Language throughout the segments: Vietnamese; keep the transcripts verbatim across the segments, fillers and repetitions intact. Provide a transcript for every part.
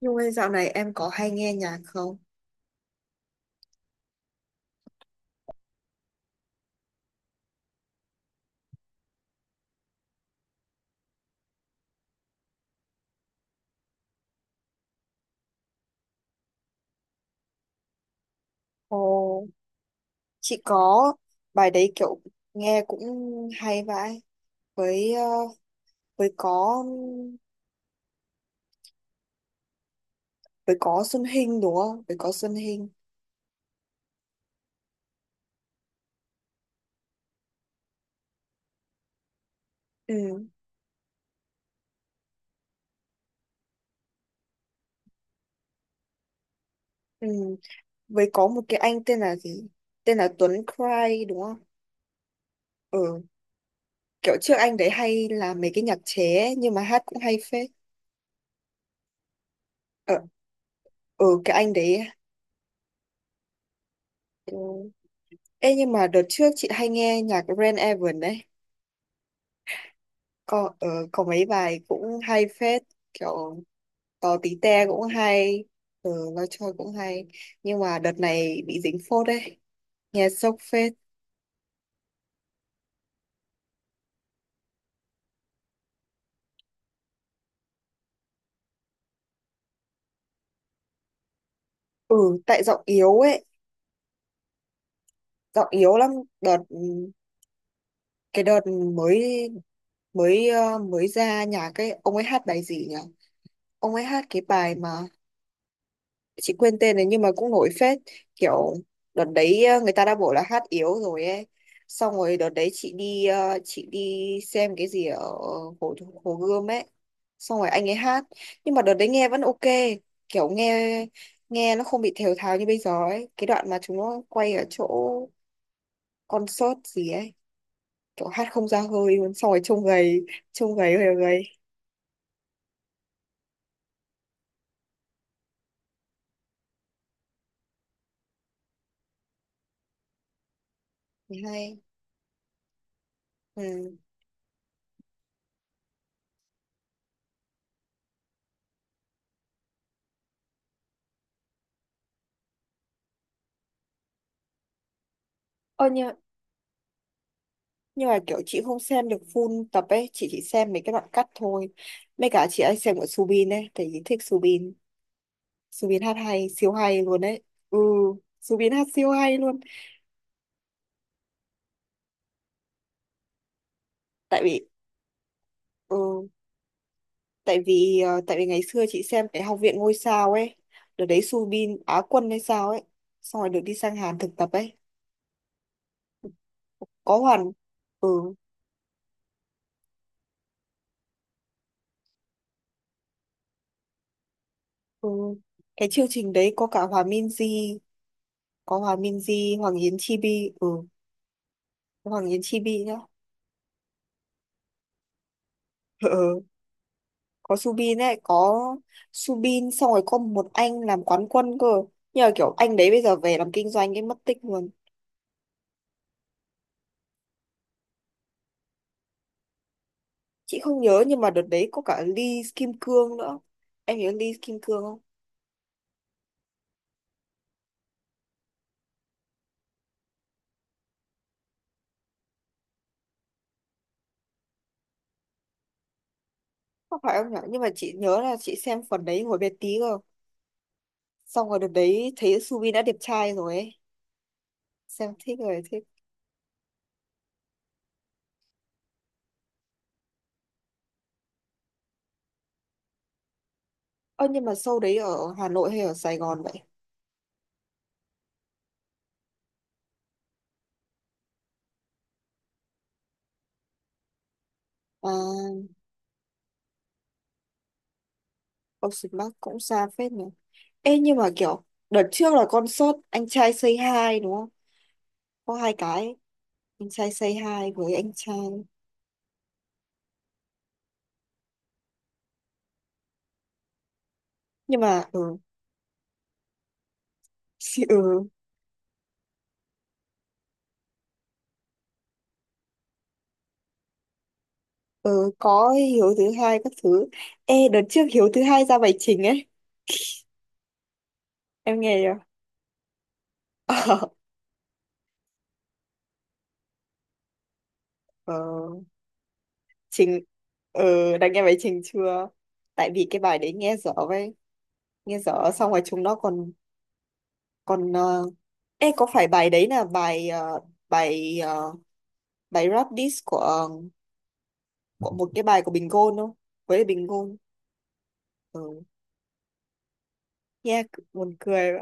Nhung ơi, dạo này em có hay nghe nhạc không? Ồ, chị có, bài đấy kiểu nghe cũng hay vãi với ờ, với có với có Xuân Hinh đúng không? Với có Xuân Hinh. Ừ, ừ. Với có một cái anh tên là gì? Tên là Tuấn Cry đúng không? Ừ, kiểu trước anh đấy hay làm mấy cái nhạc chế ấy, nhưng mà hát cũng hay phết. Ờ, ừ, cái anh đấy. Ừ. Ê, nhưng mà đợt trước chị hay nghe nhạc Ren Evan đấy, có ờ, có mấy bài cũng hay phết, kiểu tò tí te cũng hay, ờ, nói chơi cũng hay. Nhưng mà đợt này bị dính phốt đấy, nghe sốc phết. Ừ, tại giọng yếu ấy, giọng yếu lắm. Đợt cái đợt mới mới ờ, mới ra nhạc ấy, ông ấy hát bài gì nhỉ, ông ấy hát cái bài mà chị quên tên này, nhưng mà cũng nổi phết, kiểu đợt đấy ờ, người ta đã bảo là hát yếu rồi ấy. Xong rồi đợt đấy chị đi ờ, chị đi xem cái gì ở hồ hồ Gươm ấy, xong rồi anh ấy hát, nhưng mà đợt đấy nghe vẫn ok, kiểu nghe nghe nó không bị thều thào như bây giờ ấy, cái đoạn mà chúng nó quay ở chỗ concert gì ấy, kiểu hát không ra hơi luôn, xong rồi trông gầy, trông gầy, hơi gầy. Thấy hay, ừ. Ôi nhưng nhưng mà kiểu chị không xem được full tập ấy, chị chỉ xem mấy cái đoạn cắt thôi, mấy cả chị ấy xem của Subin ấy, tại vì thích Subin. Subin hát hay, siêu hay luôn đấy. Ừ, Subin hát siêu hay luôn. Tại vì ừ, tại vì ờ, tại vì ngày xưa chị xem cái Học viện ngôi sao ấy, đợt đấy Subin Á quân hay sao ấy, xong rồi được đi sang Hàn thực tập ấy, có hoàn. Ừ, ừ. Cái chương trình đấy có cả Hòa Minzy, có Hòa Minzy, Hoàng Yến Chibi, ừ. Hoàng Yến Chibi nhá. Có Subin ấy, có Subin, xong rồi có một anh làm quán quân cơ, nhưng mà kiểu anh đấy bây giờ về làm kinh doanh ấy, mất tích luôn. Chị không nhớ, nhưng mà đợt đấy có cả Lee Kim Cương nữa, em nhớ Lee Kim Cương không? Không phải em nhở, nhưng mà chị nhớ là chị xem phần đấy hồi bé tí cơ, xong rồi đợt đấy thấy Subin đã đẹp trai rồi ấy, xem thích rồi thích. Ơ, nhưng mà show đấy ở Hà Nội hay ở Sài Gòn vậy? À, Ocean Park cũng xa phết nhỉ. Ê, nhưng mà kiểu đợt trước là concert anh trai Say Hi đúng không, có hai cái, anh trai say hi với anh trai, nhưng mà ừ, xì- ừ, ừ có Hiếu thứ hai các thứ. Ê, đợt trước Hiếu thứ hai ra bài trình ấy, em nghe chưa? ờ, ờ, trình ờ Đã nghe bài trình chưa? Tại vì cái bài đấy nghe dở vậy, nghe dở, xong rồi chúng nó còn còn ờ, ê, có phải bài đấy là bài ờ, bài ờ, bài rap diss của ờ, của một cái bài của Bình Gôn không, với Bình Gôn. Ừ. Nghe c- buồn cười.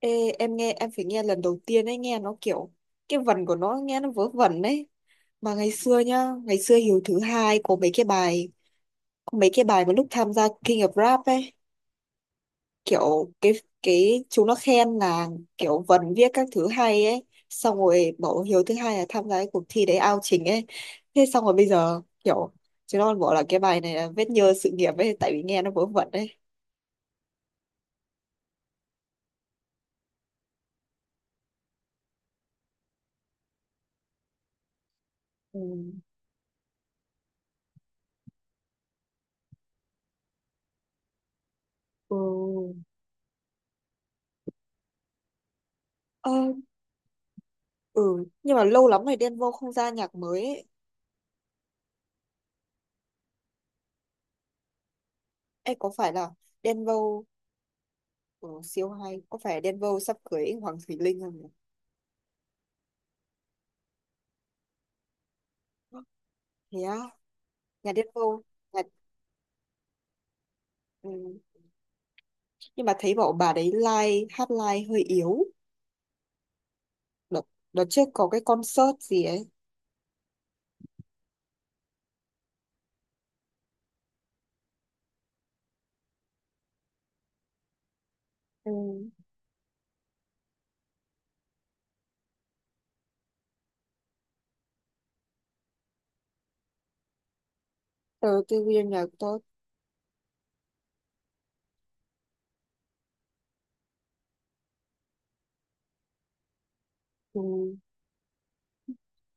Ê, em nghe em phải nghe lần đầu tiên ấy, nghe nó kiểu cái vần của nó nghe nó vớ vẩn đấy, mà ngày xưa nhá, ngày xưa Hiếu thứ hai có mấy cái bài có mấy cái bài mà lúc tham gia King of Rap ấy, kiểu cái cái chúng nó khen là kiểu vần viết các thứ hay ấy, xong rồi bảo Hiếu thứ hai là tham gia cái cuộc thi đấy ao trình ấy, thế xong rồi bây giờ kiểu chúng nó còn bảo là cái bài này là vết nhơ sự nghiệp ấy, tại vì nghe nó vớ vẩn ấy. Ừ. Ừ. Ờ, ừ, nhưng mà lâu lắm rồi Đen Vâu không ra nhạc mới ấy. Ê, có phải là Denver của siêu hay, có phải Denver sắp cưới Hoàng Thùy Linh không nhỉ? Thế á? Nhà Denver, nhà... Ừ, nhưng mà thấy bảo bà đấy live, hát live hơi yếu. Đợt đợt trước có cái concert gì ấy, ừ. Tớ tư viên nhạc tốt, ừ.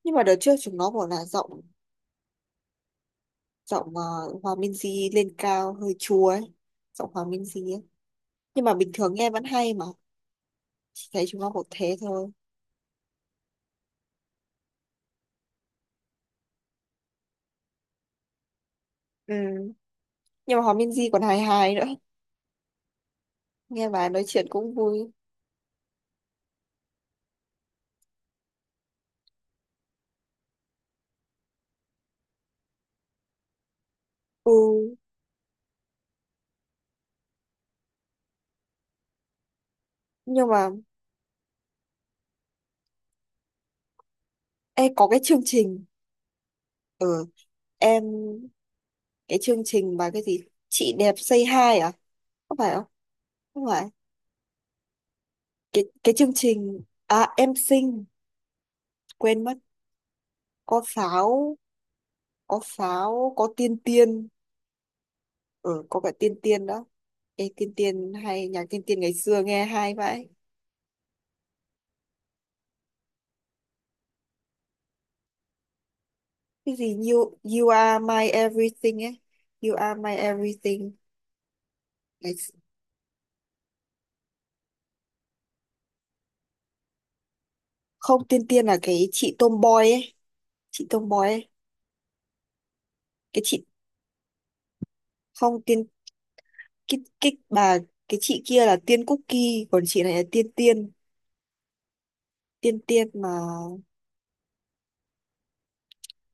Nhưng mà đợt trước chúng nó bảo là giọng giọng uh, Hòa Minzy lên cao hơi chua ấy, giọng Hòa Minzy ấy, nhưng mà bình thường nghe vẫn hay mà, chỉ thấy chúng nó bảo thế thôi. Ừ. Nhưng mà Hòa Minzy còn hài hài nữa, nghe bà nói chuyện cũng vui. Ừ, nhưng mà, ê, có cái chương trình ở ừ, em, cái chương trình mà cái gì, chị đẹp say hi à, có phải không? Không phải. Cái cái chương trình, à, em xinh, quên mất. Có pháo có pháo, có tiên tiên. Ở ừ, có cả tiên tiên đó. Ê, tiên tiên hay, nhạc tiên tiên ngày xưa nghe hay vậy. Cái gì, you you are my everything ấy, you are my everything. Ngày x- Không, tiên tiên là cái chị tomboy ấy, chị tomboy ấy, cái chị, không tiên, cái cái bà, cái chị kia là tiên cookie, còn chị này là tiên tiên, tiên tiên mà.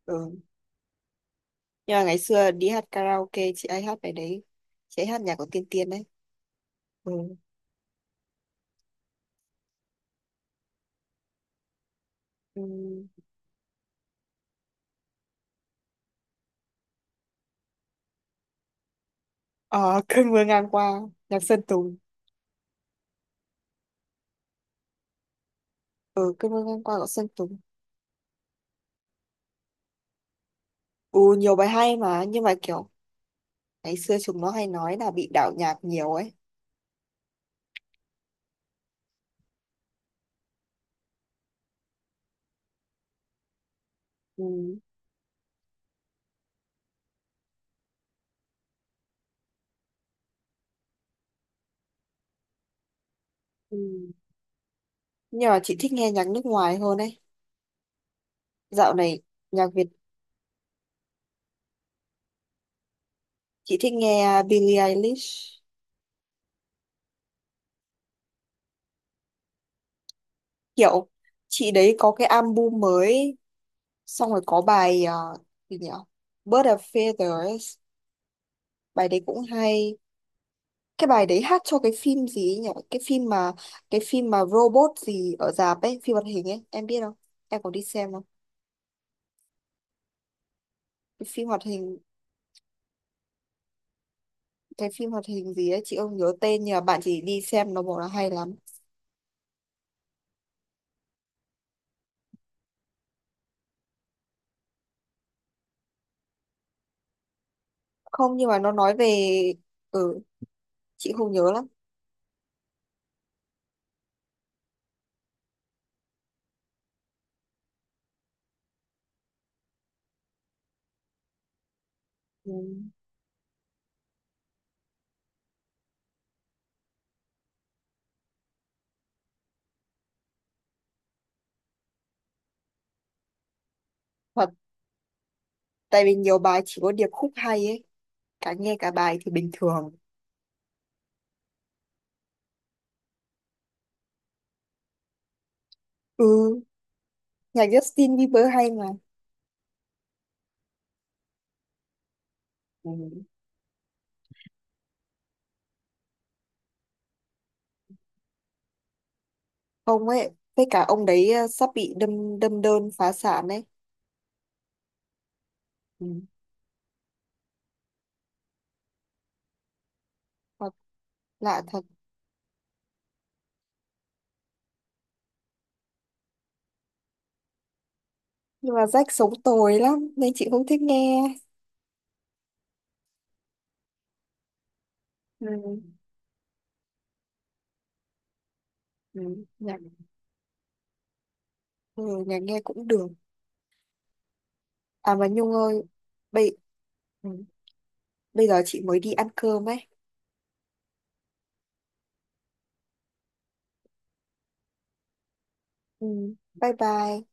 Ừ. Nhưng mà ngày xưa đi hát karaoke chị ấy hát bài đấy, chị ấy hát nhạc của tiên tiên đấy. Ừ. Ừ. Ờ, cơn mưa ngang qua, nhạc Sơn Tùng. Ừ, cơn mưa ngang qua của Sơn Tùng. Ừ, nhiều bài hay mà, nhưng mà kiểu ngày xưa chúng nó hay nói là bị đạo nhạc nhiều ấy. Ừ. Ừ. Nhưng mà chị thích nghe nhạc nước ngoài hơn ấy, dạo này nhạc Việt, chị thích nghe Billie Eilish, kiểu chị đấy có cái album mới, xong rồi có bài, à, gì nhỉ, Bird of Feathers, bài đấy cũng hay. Cái bài đấy hát cho cái phim gì ấy nhỉ, cái phim mà cái phim mà robot gì ở rạp ấy, phim hoạt hình ấy, em biết không, em có đi xem không? Cái phim hoạt hình cái phim hoạt hình gì ấy, chị không nhớ tên, nhưng mà bạn chỉ đi xem nó bảo là hay lắm. Không, nhưng mà nó nói về, ừ, chị không nhớ lắm. Ừ. Thật, tại vì nhiều bài chỉ có điệp khúc hay ấy, cả nghe cả bài thì bình thường. Ừ. Nhạc Justin Bieber hay mà. Ừ. Ông ấy, với cả ông đấy ờ, sắp bị đâm đâm đơn phá sản ấy. Ừ. Thật, lạ thật. Nhưng mà Jack sống tồi lắm nên chị không thích nghe. Ừ. Ừ. Nhạc ừ, nhạc nghe cũng được. À, mà Nhung ơi, bây ừ. bây giờ chị mới đi ăn cơm ấy. Ừ. Bye bye.